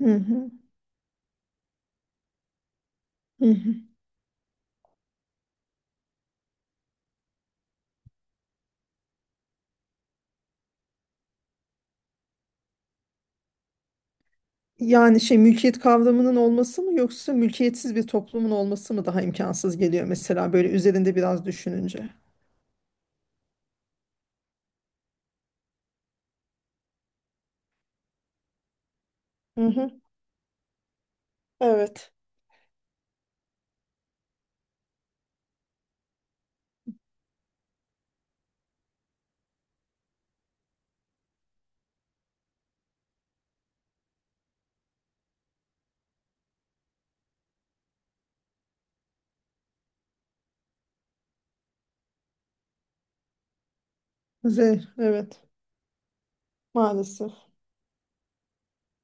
Hı hı, hı hı. Yani mülkiyet kavramının olması mı yoksa mülkiyetsiz bir toplumun olması mı daha imkansız geliyor mesela böyle üzerinde biraz düşününce. Hı hı, evet. z evet, maalesef.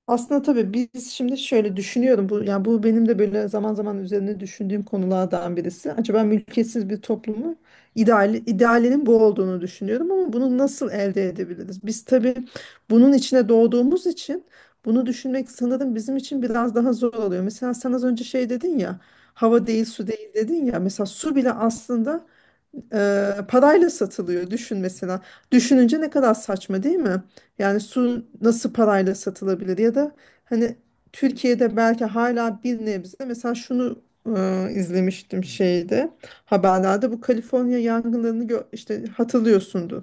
Aslında tabii biz şimdi şöyle düşünüyorum. Bu, yani bu benim de böyle zaman zaman üzerine düşündüğüm konulardan birisi. Acaba mülkiyetsiz bir toplumu ideali, idealinin bu olduğunu düşünüyorum ama bunu nasıl elde edebiliriz? Biz tabii bunun içine doğduğumuz için bunu düşünmek sanırım bizim için biraz daha zor oluyor. Mesela sen az önce şey dedin ya, hava değil su değil dedin ya. Mesela su bile aslında parayla satılıyor. Düşün mesela. Düşününce ne kadar saçma değil mi? Yani su nasıl parayla satılabilir ya da hani Türkiye'de belki hala bir nebze mesela şunu izlemiştim şeyde haberlerde bu Kaliforniya yangınlarını işte hatırlıyorsundur.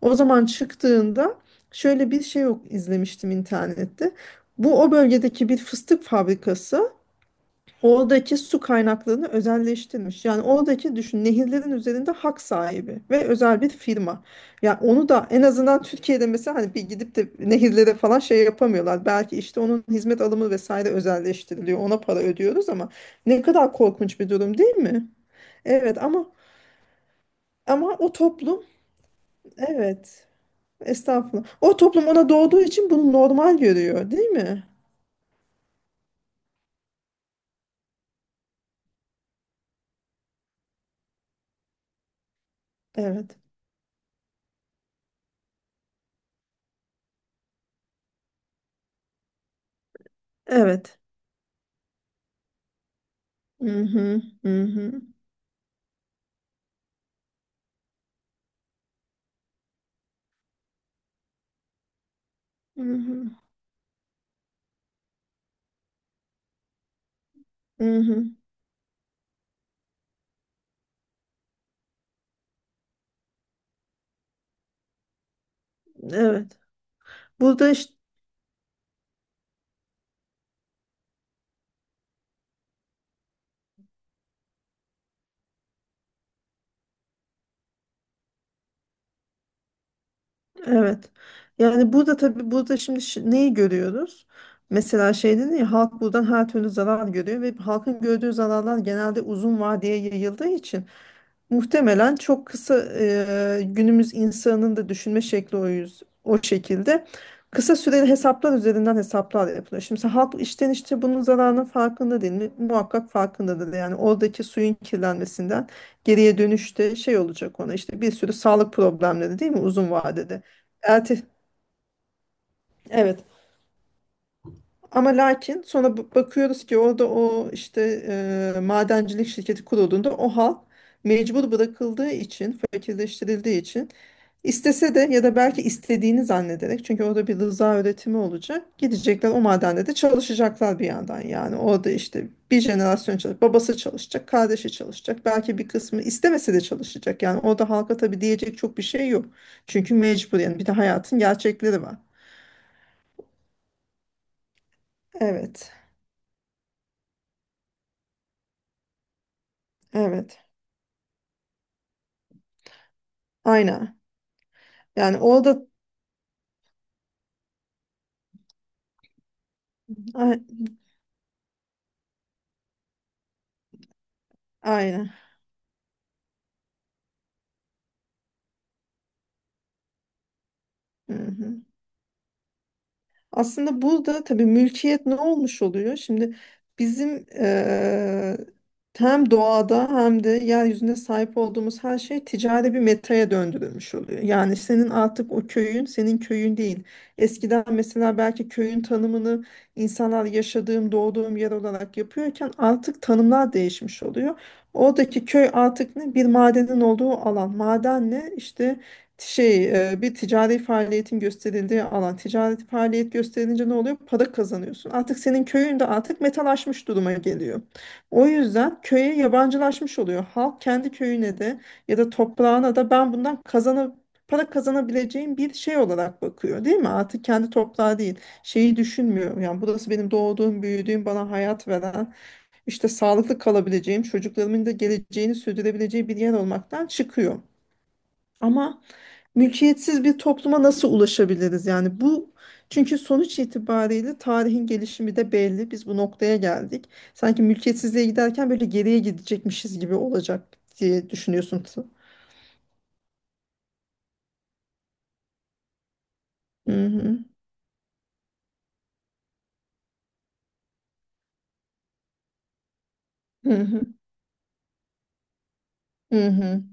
O zaman çıktığında şöyle bir şey yok, izlemiştim internette. Bu o bölgedeki bir fıstık fabrikası oradaki su kaynaklarını özelleştirmiş. Yani oradaki düşün, nehirlerin üzerinde hak sahibi ve özel bir firma. Yani onu da en azından Türkiye'de mesela hani bir gidip de nehirlere falan şey yapamıyorlar. Belki işte onun hizmet alımı vesaire özelleştiriliyor. Ona para ödüyoruz ama ne kadar korkunç bir durum değil mi? Evet ama o toplum, evet estağfurullah. O toplum ona doğduğu için bunu normal görüyor değil mi? Evet. Evet. Hı hı hı hı. Hı hı. Hı hı. Evet. Burada işte, evet. Yani burada tabii burada şimdi neyi görüyoruz? Mesela şey dedin ya, halk buradan her türlü zarar görüyor ve halkın gördüğü zararlar genelde uzun vadeye yayıldığı için muhtemelen çok kısa günümüz insanının da düşünme şekli o, yüz, o şekilde. Kısa süreli hesaplar üzerinden hesaplar yapılıyor. Şimdi sen halk işten işte bunun zararının farkında değil mi? Muhakkak farkındadır. Yani oradaki suyun kirlenmesinden geriye dönüşte şey olacak ona, işte bir sürü sağlık problemleri değil mi uzun vadede? Erte, evet. Ama lakin sonra bakıyoruz ki orada o işte madencilik şirketi kurulduğunda o halk mecbur bırakıldığı için, fakirleştirildiği için istese de ya da belki istediğini zannederek çünkü orada bir rıza üretimi olacak. Gidecekler o madende de çalışacaklar bir yandan yani. Orada işte bir jenerasyon çalışacak, babası çalışacak, kardeşi çalışacak. Belki bir kısmı istemese de çalışacak. Yani orada halka tabii diyecek çok bir şey yok. Çünkü mecbur, yani bir de hayatın gerçekleri var. Evet, evet. Aynen. Yani orada a- aynen. Hı hı. Aslında burada tabii mülkiyet ne olmuş oluyor? Şimdi bizim hem doğada hem de yeryüzünde sahip olduğumuz her şey ticari bir metaya döndürülmüş oluyor. Yani senin artık o köyün senin köyün değil. Eskiden mesela belki köyün tanımını insanlar yaşadığım, doğduğum yer olarak yapıyorken artık tanımlar değişmiş oluyor. Oradaki köy artık ne? Bir madenin olduğu alan. Maden ne? İşte şey bir ticari faaliyetin gösterildiği alan, ticari faaliyet gösterince ne oluyor? Para kazanıyorsun. Artık senin köyün de artık metalaşmış duruma geliyor. O yüzden köye yabancılaşmış oluyor. Halk kendi köyüne de ya da toprağına da ben bundan kazanıp para kazanabileceğim bir şey olarak bakıyor değil mi? Artık kendi toprağı değil. Şeyi düşünmüyor. Yani burası benim doğduğum, büyüdüğüm, bana hayat veren, işte sağlıklı kalabileceğim, çocuklarımın da geleceğini sürdürebileceği bir yer olmaktan çıkıyor. Ama mülkiyetsiz bir topluma nasıl ulaşabiliriz? Yani bu, çünkü sonuç itibariyle tarihin gelişimi de belli. Biz bu noktaya geldik. Sanki mülkiyetsizliğe giderken böyle geriye gidecekmişiz gibi olacak diye düşünüyorsun. Hı hı. Hı hı. Hı hı.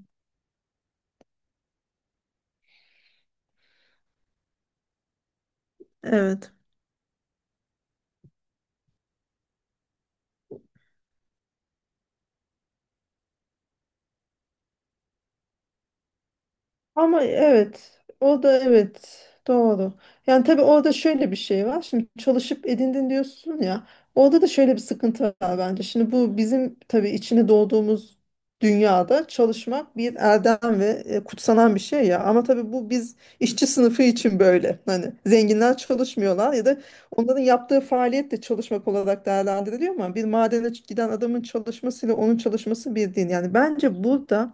Evet. Ama evet, o da evet, doğru. Yani tabii orada şöyle bir şey var. Şimdi çalışıp edindin diyorsun ya. Orada da şöyle bir sıkıntı var bence. Şimdi bu bizim tabii içine doğduğumuz dünyada çalışmak bir erdem ve kutsanan bir şey ya. Ama tabii bu biz işçi sınıfı için böyle. Hani zenginler çalışmıyorlar ya da onların yaptığı faaliyet de çalışmak olarak değerlendiriliyor ama bir madene giden adamın çalışmasıyla onun çalışması bir değil. Yani bence burada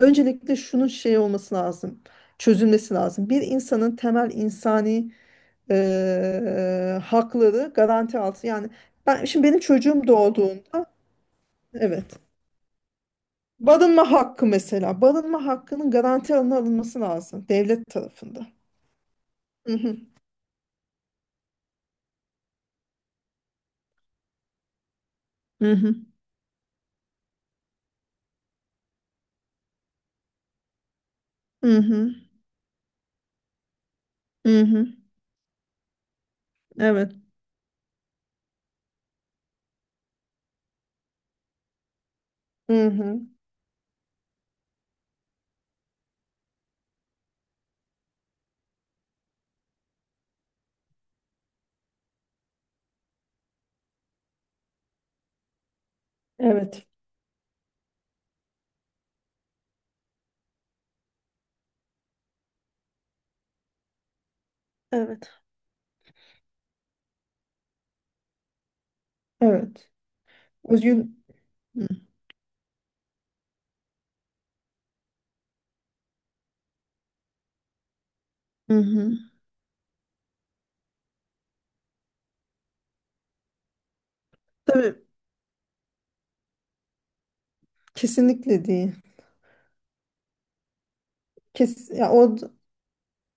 öncelikle şunun şey olması lazım, çözülmesi lazım. Bir insanın temel insani hakları garanti altı. Yani ben şimdi benim çocuğum doğduğunda evet. Barınma hakkı mesela. Barınma hakkının garanti altına alınması lazım devlet tarafında. Hı hı. Hı hı. Hı hı. Hı hı. Evet. Hı hı. Evet. Evet. Evet. Özgür. Hı hı. Tabii kesinlikle değil. Kes, ya o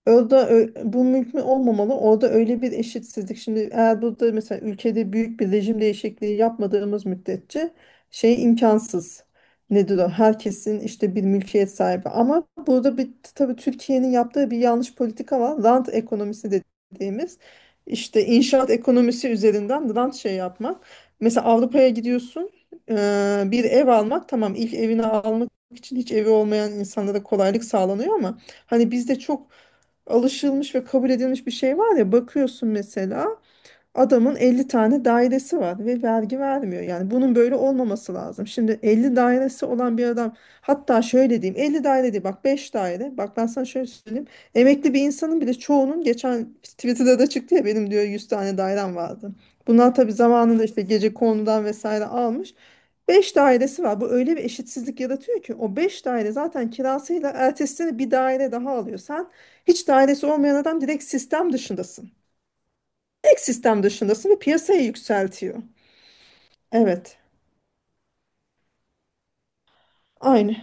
Orada bu mümkün olmamalı. Orada öyle bir eşitsizlik. Şimdi eğer burada mesela ülkede büyük bir rejim değişikliği yapmadığımız müddetçe şey imkansız. Nedir o? Herkesin işte bir mülkiyet sahibi. Ama burada bir tabii Türkiye'nin yaptığı bir yanlış politika var. Rant ekonomisi dediğimiz işte inşaat ekonomisi üzerinden rant şey yapmak. Mesela Avrupa'ya gidiyorsun, eee, bir ev almak tamam, ilk evini almak için hiç evi olmayan insanlara kolaylık sağlanıyor ama hani bizde çok alışılmış ve kabul edilmiş bir şey var ya, bakıyorsun mesela adamın 50 tane dairesi var ve vergi vermiyor. Yani bunun böyle olmaması lazım. Şimdi 50 dairesi olan bir adam, hatta şöyle diyeyim 50 daire değil bak, 5 daire. Bak ben sana şöyle söyleyeyim. Emekli bir insanın bile çoğunun, geçen Twitter'da da çıktı ya, benim diyor 100 tane dairem vardı. Bunlar tabii zamanında işte gece konudan vesaire almış. Beş dairesi var. Bu öyle bir eşitsizlik yaratıyor ki o beş daire zaten kirasıyla ertesi sene bir daire daha alıyor. Sen, hiç dairesi olmayan adam, direkt sistem dışındasın. Tek sistem dışındasın ve piyasaya yükseltiyor. Evet, aynı.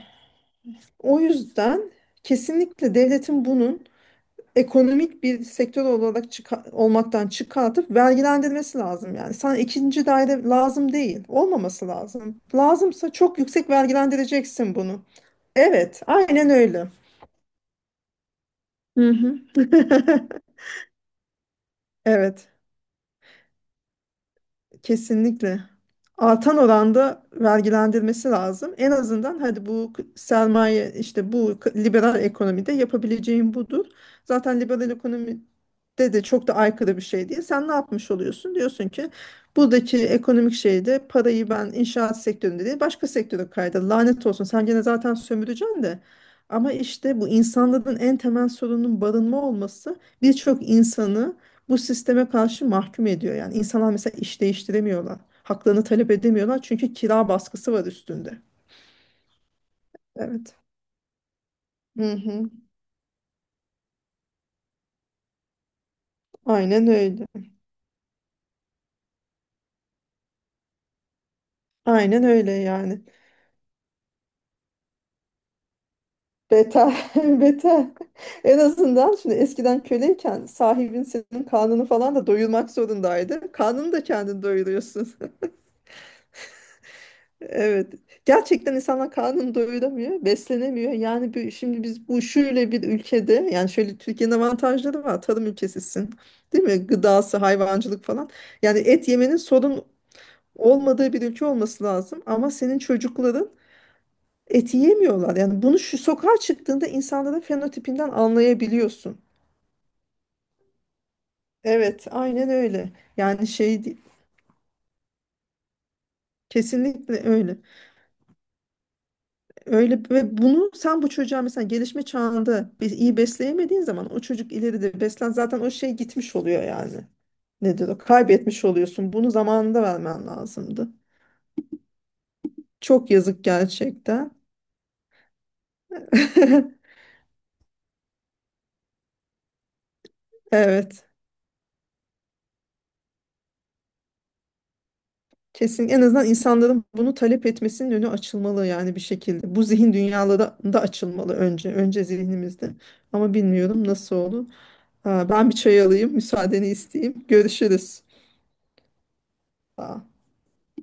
O yüzden kesinlikle devletin bunun ekonomik bir sektör olarak olmaktan çıkartıp vergilendirmesi lazım yani. Sana ikinci daire lazım değil. Olmaması lazım. Lazımsa çok yüksek vergilendireceksin bunu. Evet, aynen öyle. Hı hı. Evet. Kesinlikle. Artan oranda vergilendirmesi lazım. En azından hadi bu sermaye işte bu liberal ekonomide yapabileceğin budur. Zaten liberal ekonomide de çok da aykırı bir şey değil. Sen ne yapmış oluyorsun? Diyorsun ki buradaki ekonomik şeyde parayı ben inşaat sektöründe değil başka sektöre kaydır. Lanet olsun, sen gene zaten sömüreceksin de. Ama işte bu insanlığın en temel sorunun barınma olması birçok insanı bu sisteme karşı mahkum ediyor. Yani insanlar mesela iş değiştiremiyorlar. Haklarını talep edemiyorlar çünkü kira baskısı var üstünde. Evet. Hı hı. Aynen öyle. Aynen öyle yani. Beter, beter. En azından şimdi eskiden köleyken sahibin senin karnını falan da doyurmak zorundaydı. Karnını da kendin doyuruyorsun. Evet. Gerçekten insanlar karnını doyuramıyor, beslenemiyor. Yani bir, şimdi biz bu şöyle bir ülkede, yani şöyle Türkiye'nin avantajları var. Tarım ülkesisin. Değil mi? Gıdası, hayvancılık falan. Yani et yemenin sorun olmadığı bir ülke olması lazım. Ama senin çocukların eti yemiyorlar. Yani bunu şu sokağa çıktığında insanların fenotipinden anlayabiliyorsun. Evet, aynen öyle. Yani şey kesinlikle öyle. Öyle, ve bunu sen bu çocuğa mesela gelişme çağında bir iyi besleyemediğin zaman o çocuk ileride beslen zaten o şey gitmiş oluyor yani. Nedir o? Kaybetmiş oluyorsun. Bunu zamanında vermen lazımdı. Çok yazık gerçekten. Evet. Kesin en azından insanların bunu talep etmesinin önü açılmalı yani bir şekilde. Bu zihin dünyaları da açılmalı önce. Önce zihnimizde. Ama bilmiyorum nasıl olur. Aa, ben bir çay alayım, müsaadeni isteyeyim. Görüşürüz. Aa.